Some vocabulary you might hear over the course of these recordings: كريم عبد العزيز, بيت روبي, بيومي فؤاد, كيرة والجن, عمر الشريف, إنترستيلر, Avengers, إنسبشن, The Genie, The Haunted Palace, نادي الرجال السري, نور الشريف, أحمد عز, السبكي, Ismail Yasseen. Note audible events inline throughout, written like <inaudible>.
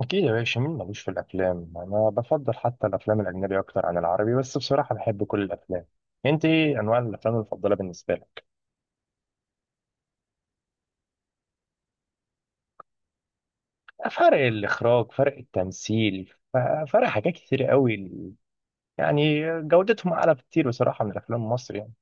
أكيد يا باشا، مين ملوش في الأفلام؟ أنا بفضل حتى الأفلام الأجنبي أكتر عن العربي، بس بصراحة بحب كل الأفلام. أنت إيه أنواع الأفلام المفضلة بالنسبة لك؟ فرق الإخراج، فرق التمثيل، فرق حاجات كتير قوي، يعني جودتهم أعلى بكتير بصراحة من الأفلام المصري يعني.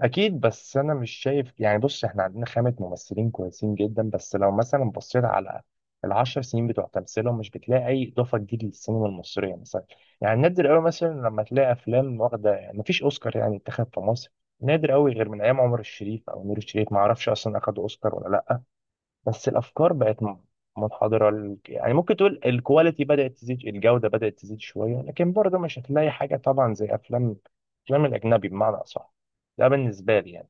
اكيد، بس انا مش شايف يعني. بص، احنا عندنا خامة ممثلين كويسين جدا، بس لو مثلا بصيت على العشر سنين بتوع تمثيلهم، مش بتلاقي اي اضافه جديده للسينما المصريه مثلا. يعني نادر قوي مثلا لما تلاقي افلام واخده، مفيش اوسكار يعني اتخذ في مصر، نادر قوي غير من ايام عمر الشريف او نور الشريف، ما اعرفش اصلا اخد اوسكار ولا لا. بس الافكار بقت منحدره، يعني ممكن تقول الكواليتي بدات تزيد، الجوده بدات تزيد شويه، لكن برضه مش هتلاقي حاجه طبعا زي افلام، الافلام الاجنبي بمعنى اصح. ده بالنسبه لي يعني.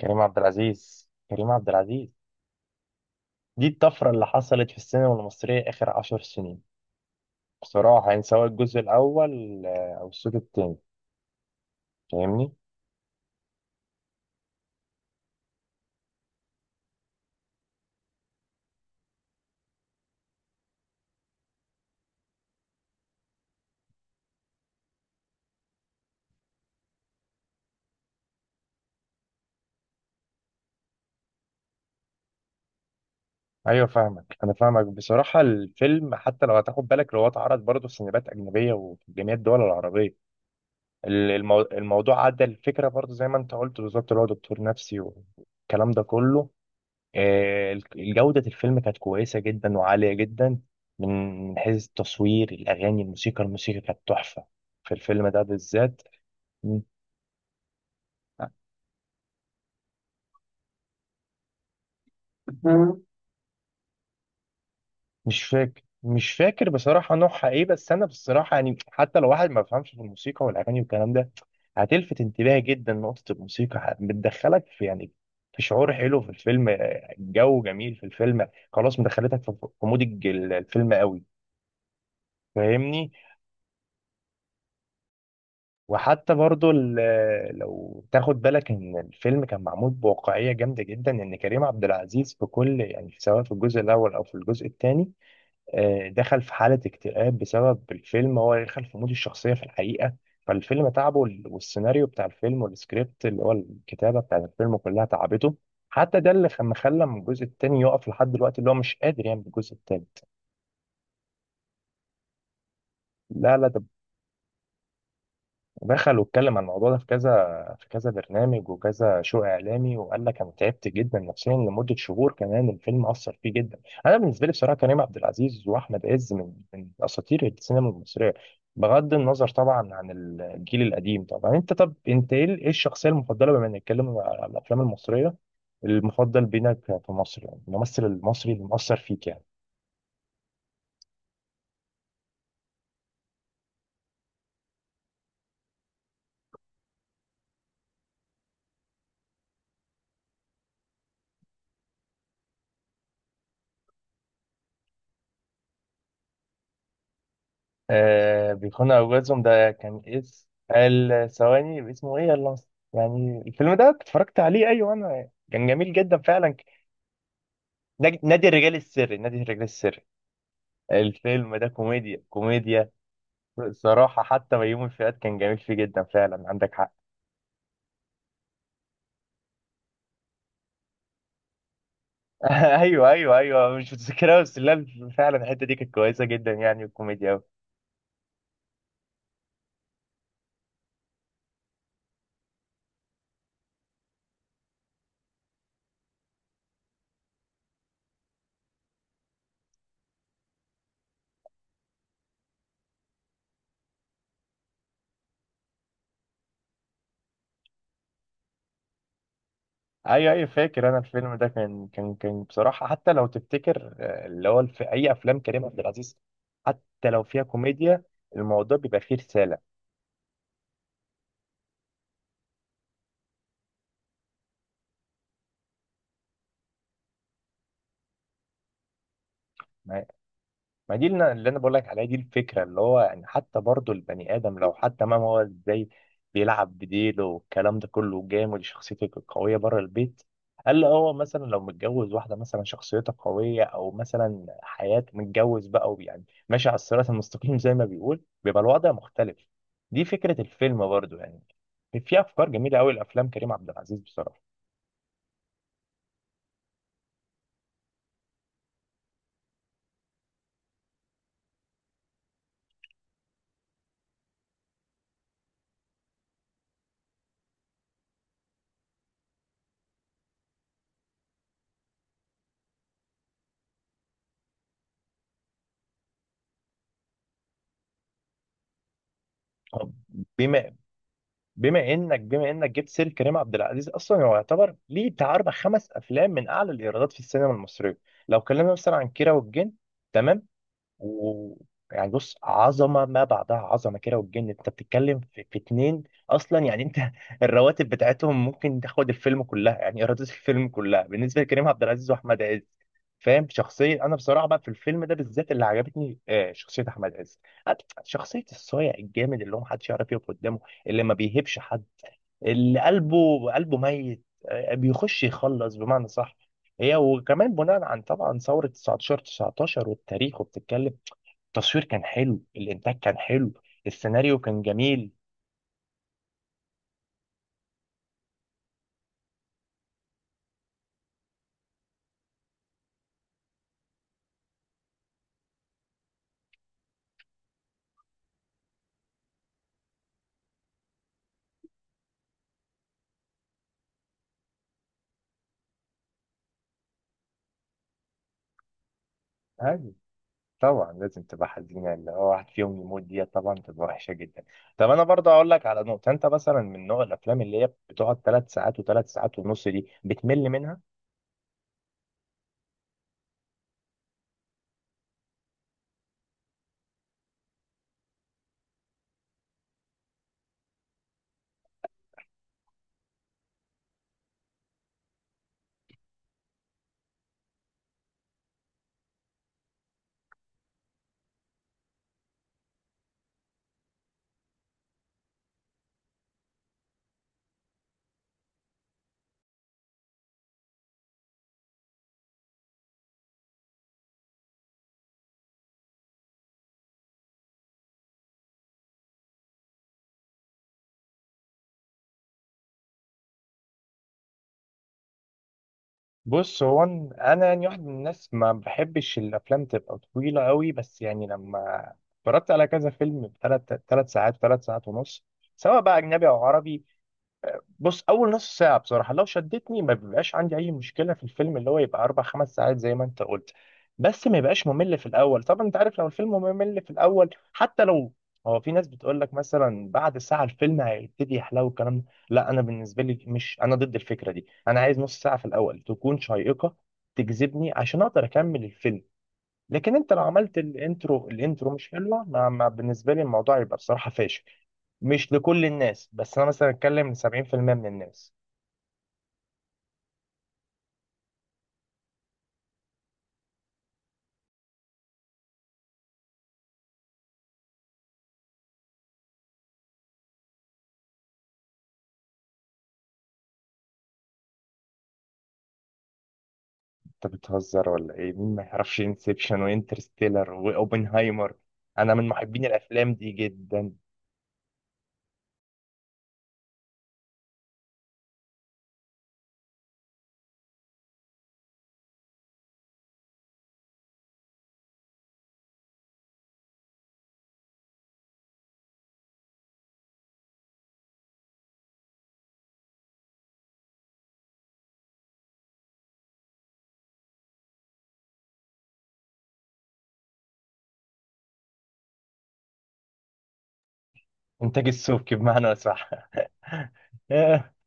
كريم عبد العزيز، كريم عبد العزيز. دي الطفرة اللي حصلت في السينما المصرية آخر عشر سنين، بصراحة، يعني سواء الجزء الأول أو الجزء التاني. فاهمني؟ أيوة فاهمك، أنا فاهمك. بصراحة الفيلم، حتى لو هتاخد بالك، لو هو اتعرض برضه في سينمات أجنبية وفي جميع الدول العربية، الموضوع عدى. الفكرة برضه زي ما أنت قلت بالظبط، اللي هو دكتور نفسي والكلام ده كله. جودة الفيلم كانت كويسة جدا وعالية جدا، من من حيث التصوير، الأغاني، الموسيقى. الموسيقى كانت تحفة في الفيلم ده بالذات. م- مش فاكر، مش فاكر بصراحة نوعها إيه، بس أنا بصراحة يعني حتى لو واحد ما بيفهمش في الموسيقى والأغاني والكلام ده، هتلفت انتباهي جدا نقطة الموسيقى. بتدخلك في يعني، في شعور حلو في الفيلم، جو جميل في الفيلم خلاص، مدخلتك في في مود الفيلم قوي. فاهمني؟ وحتى برضو لو تاخد بالك ان الفيلم كان معمول بواقعيه جامده جدا، ان كريم عبد العزيز في كل يعني، سواء في الجزء الاول او في الجزء الثاني، دخل في حاله اكتئاب بسبب الفيلم. هو دخل في مود الشخصيه في الحقيقه، فالفيلم تعبه. والسيناريو بتاع الفيلم والسكريبت اللي هو الكتابه بتاع الفيلم كلها تعبته. حتى ده اللي خلى من الجزء الثاني يقف لحد دلوقتي، اللي هو مش قادر يعمل الجزء الثالث. لا لا، ده ودخل واتكلم عن الموضوع ده في كذا، في كذا برنامج وكذا شو اعلامي، وقال لك انا تعبت جدا نفسيا لمده شهور، كمان الفيلم اثر فيه جدا. انا بالنسبه لي بصراحه، كريم عبد العزيز واحمد عز من من اساطير السينما المصريه، بغض النظر طبعا عن الجيل القديم طبعا. انت طب، انت ايه، إيه الشخصيه المفضله بما نتكلم على الافلام المصريه، المفضل بينك في مصر يعني، الممثل المصري اللي مؤثر فيك يعني؟ آه، بيكون أوجاتهم، ده كان اس، ال ثواني اسمه ايه، يلا. يعني الفيلم ده اتفرجت عليه، ايوه انا، كان جميل جدا فعلا. نادي الرجال السري، نادي الرجال السري. الفيلم ده كوميديا، كوميديا. صراحة حتى بيومي فؤاد كان جميل فيه جدا فعلا، عندك حق. <laughs> ايوه ايوه ايوه، مش متذكرها بس، لا فعلا الحتة دي كانت كويسة جدا يعني الكوميديا. ايوه ايوه، فاكر انا الفيلم ده، كان بصراحه، حتى لو تفتكر، اللي هو في اي افلام كريم عبد العزيز، حتى لو فيها كوميديا، الموضوع بيبقى فيه رساله. ما دي اللي، انا بقول لك عليها، دي الفكره اللي هو يعني، حتى برضو البني ادم لو حتى، ما هو ازاي بيلعب بديله والكلام ده كله، جامد شخصيته قويه بره البيت. قال له هو مثلا لو متجوز واحده مثلا شخصيتها قويه، او مثلا حياته متجوز بقى ويعني ماشي على الصراط المستقيم، <laughs> زي ما بيقول، بيبقى الوضع مختلف. دي فكره الفيلم برضو يعني، في افكار جميله قوي لافلام كريم عبد العزيز بصراحه. طب، بما بما انك جبت سير كريم عبد العزيز، اصلا هو يعتبر ليه بتاع اربع خمس افلام من اعلى الايرادات في السينما المصريه. لو اتكلمنا مثلا عن كيرة والجن، تمام؟ و يعني بص، عظمه ما بعدها عظمه. كيرة والجن، انت بتتكلم في, اتنين اصلا يعني، انت <laughs> الرواتب بتاعتهم ممكن تاخد الفيلم كلها، يعني ايرادات الفيلم كلها بالنسبه لكريم عبد العزيز واحمد عز. فاهم؟ شخصية، أنا بصراحة بقى في الفيلم ده بالذات اللي عجبتني، شخصية أحمد عز، شخصية الصايع الجامد اللي هو محدش يعرف يقف قدامه، اللي ما بيهبش حد، اللي قلبه، ميت، بيخش يخلص بمعنى صح. هي وكمان بناء عن طبعا ثورة 19 19 والتاريخ، وبتتكلم، التصوير كان حلو، الإنتاج كان حلو، السيناريو كان جميل. أيوة، طبعا لازم تبقى حزينة، اللي هو واحد فيهم يموت، دي طبعا تبقى وحشة جدا. طب أنا برضه أقول لك على نقطة، أنت مثلا من نوع الأفلام اللي هي بتقعد ثلاث ساعات وثلاث ساعات ونص، دي بتمل منها؟ بص هو، انا يعني واحد من الناس ما بحبش الافلام تبقى طويله قوي، بس يعني لما اتفرجت على كذا فيلم ثلاث ساعات، ثلاث ساعات ونص، سواء بقى اجنبي او عربي، بص، اول نص ساعه بصراحه لو شدتني، ما بيبقاش عندي اي مشكله في الفيلم اللي هو يبقى اربع خمس ساعات زي ما انت قلت. بس ما يبقاش ممل في الاول، طبعا انت عارف لو الفيلم ممل في الاول حتى لو، هو في ناس بتقول لك مثلا بعد ساعه الفيلم هيبتدي يحلو الكلام ده. لا، انا بالنسبه لي مش، انا ضد الفكره دي. انا عايز نص ساعه في الاول تكون شيقه، تجذبني، عشان اقدر اكمل الفيلم. لكن انت لو عملت الانترو، الانترو مش حلوه، بالنسبه لي الموضوع يبقى بصراحه فاشل. مش لكل الناس، بس انا مثلا اتكلم ل 70% من الناس. انت بتهزر ولا ايه؟ مين ما يعرفش انسبشن وانترستيلر واوبنهايمر؟ انا من محبين الافلام دي جدا. انتاج السبكي بمعنى صح. <laughs>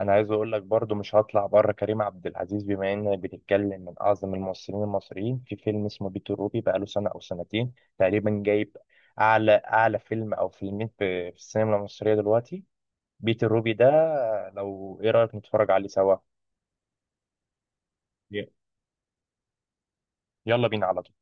انا عايز اقول لك برضو، مش هطلع بره كريم عبد العزيز بما اننا بنتكلم من اعظم الممثلين المصريين، في فيلم اسمه بيت روبي بقاله سنه او سنتين تقريبا، جايب اعلى، اعلى فيلم او فيلمين في, السينما المصريه دلوقتي، بيت الروبي ده. لو ايه رايك نتفرج عليه سوا؟ ي- يلا بينا على طول.